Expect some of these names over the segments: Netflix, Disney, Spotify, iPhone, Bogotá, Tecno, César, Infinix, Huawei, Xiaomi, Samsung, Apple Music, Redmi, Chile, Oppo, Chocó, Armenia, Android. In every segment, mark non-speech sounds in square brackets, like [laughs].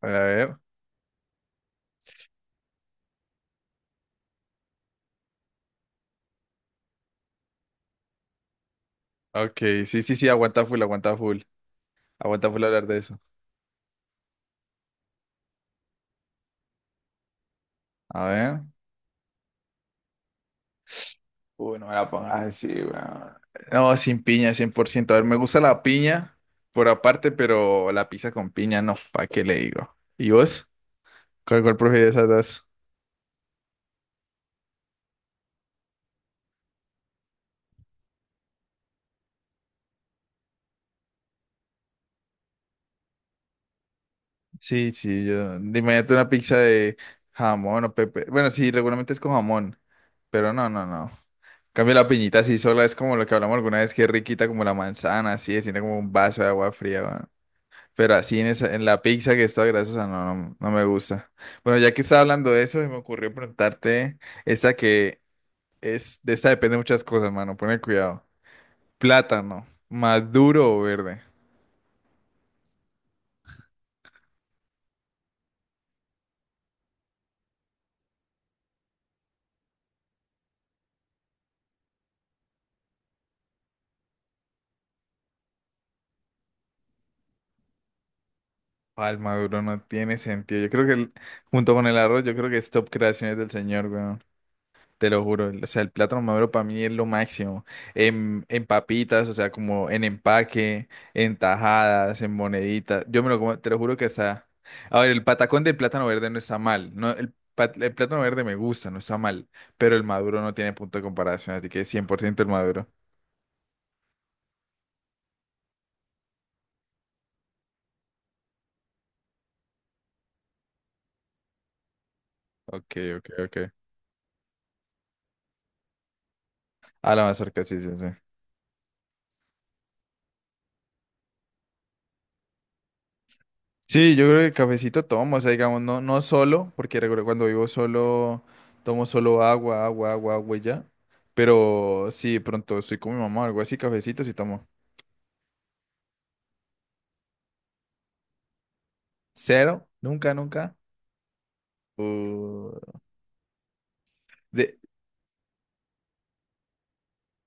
A ver. Ok, sí, sí, sí, aguanta full, aguanta full. Aguanta full hablar de eso. A ver. Uy, no me la pongas así, weón. No, sin piña, cien por ciento. A ver, me gusta la piña por aparte, pero la pizza con piña no, ¿para qué le digo? ¿Y vos? ¿Cuál prefieres de esas dos? Sí, sí, yo. Imagínate una pizza de jamón o pepe. Bueno, sí, regularmente es con jamón, pero no, no, no. En cambio la piñita así sola, es como lo que hablamos alguna vez, que es riquita como la manzana, así, se siente como un vaso de agua fría. Pero así en esa, en la pizza que es toda grasosa, no, no, no me gusta. Bueno, ya que estaba hablando de eso, se me ocurrió preguntarte esta que es, de esta depende de muchas cosas, mano, pone cuidado. Plátano, ¿maduro o verde? Ah, el maduro no tiene sentido. Yo creo que junto con el arroz, yo creo que es top creaciones del señor, weón. Te lo juro, o sea, el plátano maduro para mí es lo máximo. En papitas, o sea, como en empaque, en tajadas, en moneditas. Yo me lo como, te lo juro que está. A ver, el patacón del plátano verde no está mal. No, el plátano verde me gusta, no está mal. Pero el maduro no tiene punto de comparación, así que 100% el maduro. Ok, ok, ok. A la mazorca, sí, sí, sí. Sí, yo creo que cafecito tomo, o sea, digamos, no, no solo, porque recuerdo cuando vivo solo, tomo solo agua, agua, agua, agua y ya. Pero sí, de pronto estoy con mi mamá o algo así, cafecito sí tomo. Cero, nunca, nunca. Uh, de,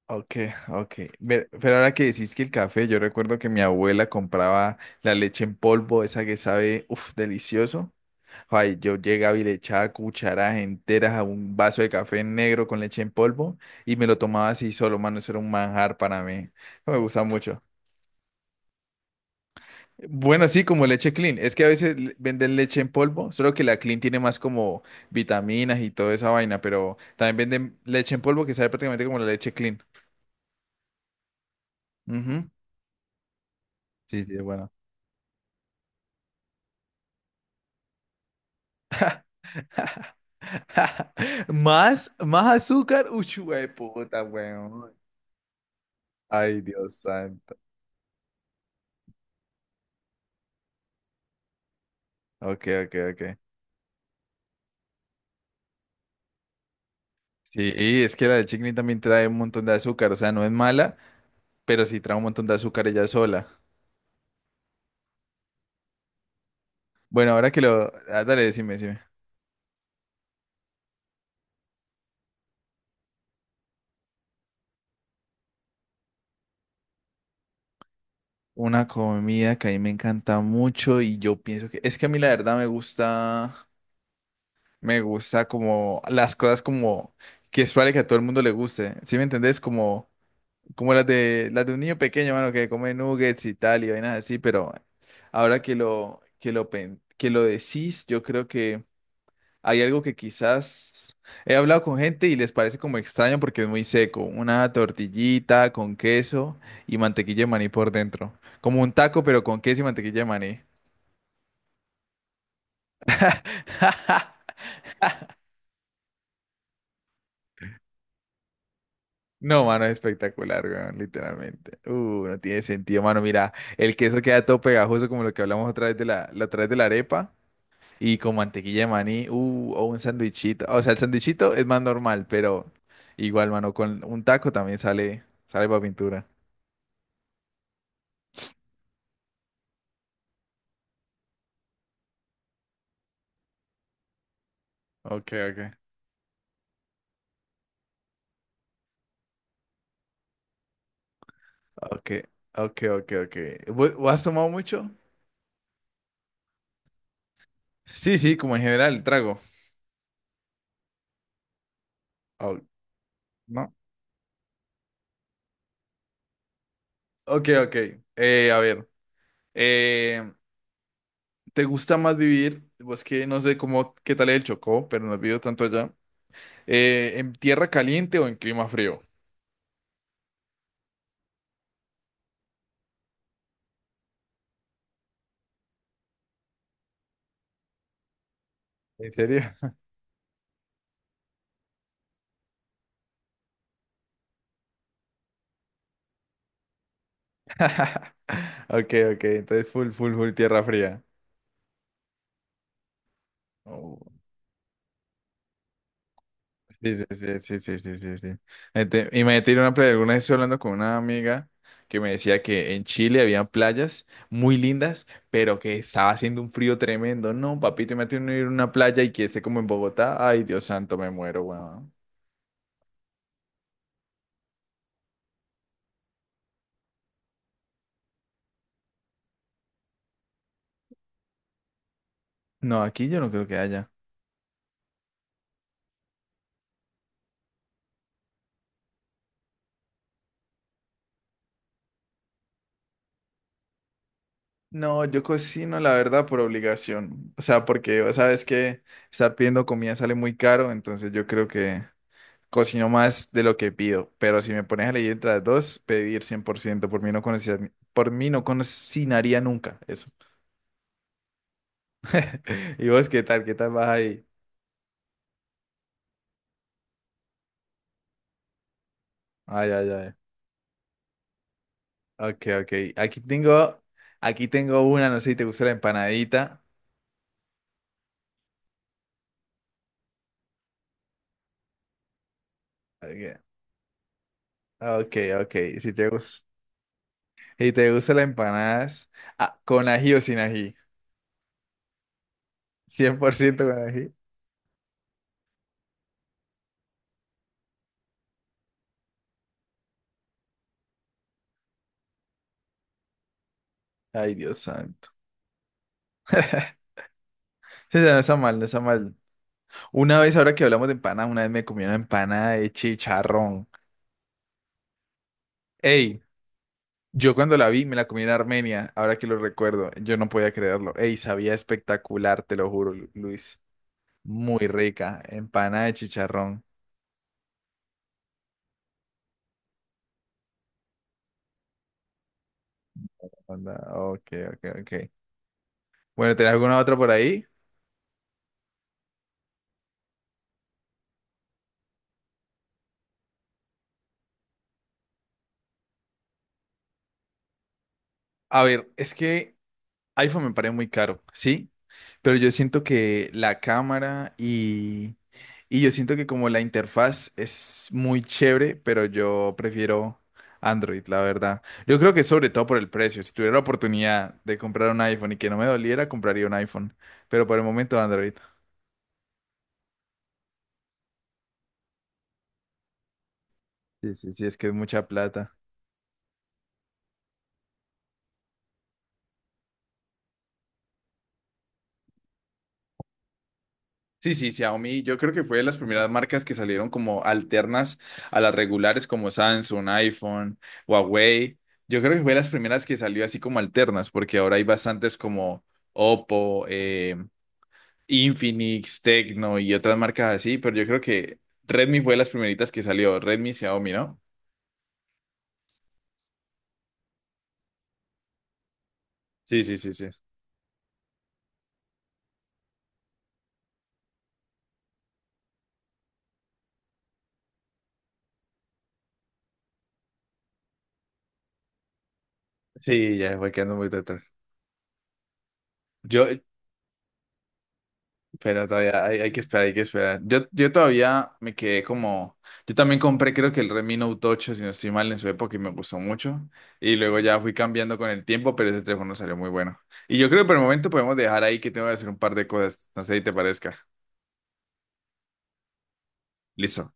ok, ok. Pero ahora que decís que el café, yo recuerdo que mi abuela compraba la leche en polvo, esa que sabe, uff, delicioso. Ay, yo llegaba y le echaba cucharadas enteras a un vaso de café negro con leche en polvo y me lo tomaba así solo, mano, eso era un manjar para mí. No me gusta mucho. Bueno, sí, como leche Clean. Es que a veces venden leche en polvo, solo que la Clean tiene más como vitaminas y toda esa vaina, pero también venden leche en polvo que sabe prácticamente como la leche Clean. Ujú. Sí, sí, es bueno. [laughs] Más, más azúcar. Uy, puta, weón. Ay, Dios santo. Ok, ok, ok. Sí, y es que la de chickpea también trae un montón de azúcar, o sea, no es mala, pero sí trae un montón de azúcar ella sola. Bueno, ahora que lo... ah, dale, decime, decime. Una comida que a mí me encanta mucho y yo pienso que... Es que a mí la verdad me gusta... Me gusta como las cosas como... Que es probable que a todo el mundo le guste, ¿sí me entendés? Como, como, las de un niño pequeño, mano, que come nuggets y tal y vainas así, pero ahora que lo decís, yo creo que... Hay algo que quizás he hablado con gente y les parece como extraño porque es muy seco. Una tortillita con queso y mantequilla de maní por dentro. Como un taco, pero con queso y mantequilla de maní. [laughs] No, mano, es espectacular, weón, literalmente. No tiene sentido, mano. Mira, el queso queda todo pegajoso como lo que hablamos otra vez de la otra vez de la arepa. Y con mantequilla de maní, o un sandwichito. O sea, el sandwichito es más normal, pero igual, mano, con un taco también sale, sale para pintura. Ok, ok. Ok, ok, ok, ok. ¿Vos has tomado mucho? Sí, sí, como en general, el trago. Oh, ¿no? Ok, ok. A ver. eh, ¿Te gusta más vivir? Pues que no sé cómo, qué tal es el Chocó, pero no he vivido tanto allá. ¿En tierra caliente o en clima frío? ¿En serio? [laughs] Ok, ok. Entonces, full, full, full tierra fría. Sí, sí, sí, sí, sí, sí, sí, sí. Este, imagínate ir a una playa. Alguna vez estoy hablando con una amiga que me decía que en Chile había playas muy lindas, pero que estaba haciendo un frío tremendo. No, papito, imagínate uno ir a una playa y que esté como en Bogotá. Ay, Dios santo, me muero, weón. No, aquí yo no creo que haya. No, yo cocino, la verdad, por obligación. O sea, porque sabes que estar pidiendo comida sale muy caro, entonces yo creo que cocino más de lo que pido, pero si me pones a elegir entre las dos, pedir cien por ciento por mí no cocinaría nunca eso. [laughs] ¿Y vos qué tal? ¿Qué tal vas ahí? Ay, ay, ay. Ok, ok. Aquí tengo una, no sé si te gusta la empanadita. Ok, ok, ok. Si te gusta, si te gusta la empanadas, ah, con ají o sin ají. Cien por ciento con ají. Ay, Dios santo. [laughs] Sí, sí, no está mal, no está mal. Una vez, ahora que hablamos de empanadas, una vez me comí una empanada de chicharrón. Ey, yo cuando la vi me la comí en Armenia, ahora que lo recuerdo, yo no podía creerlo. Ey, sabía espectacular, te lo juro, Luis. Muy rica, empanada de chicharrón. Onda, ok, ok, ok. Bueno, ¿tenés alguna otra por ahí? A ver, es que iPhone me parece muy caro, ¿sí? Pero yo siento que la cámara y yo siento que como la interfaz es muy chévere, pero yo prefiero Android, la verdad. Yo creo que sobre todo por el precio. Si tuviera la oportunidad de comprar un iPhone y que no me doliera, compraría un iPhone. Pero por el momento Android. Sí, sí, sí, es que es mucha plata. Sí, sí, Xiaomi, yo creo que fue de las primeras marcas que salieron como alternas a las regulares como Samsung, iPhone, Huawei. Yo creo que fue de las primeras que salió así como alternas, porque ahora hay bastantes como Oppo, Infinix, Tecno y otras marcas así, pero yo creo que Redmi fue de las primeritas que salió, Redmi, Xiaomi, ¿no? Sí, sí, sí, sí. Sí, ya fue quedando muy detrás. Yo, Pero todavía hay que esperar, hay que esperar. Yo todavía me quedé como. Yo también compré, creo que el Redmi Note 8, si no estoy mal, en su época y me gustó mucho. Y luego ya fui cambiando con el tiempo, pero ese teléfono salió muy bueno. Y yo creo que por el momento podemos dejar ahí que tengo que hacer un par de cosas. No sé si te parezca. Listo.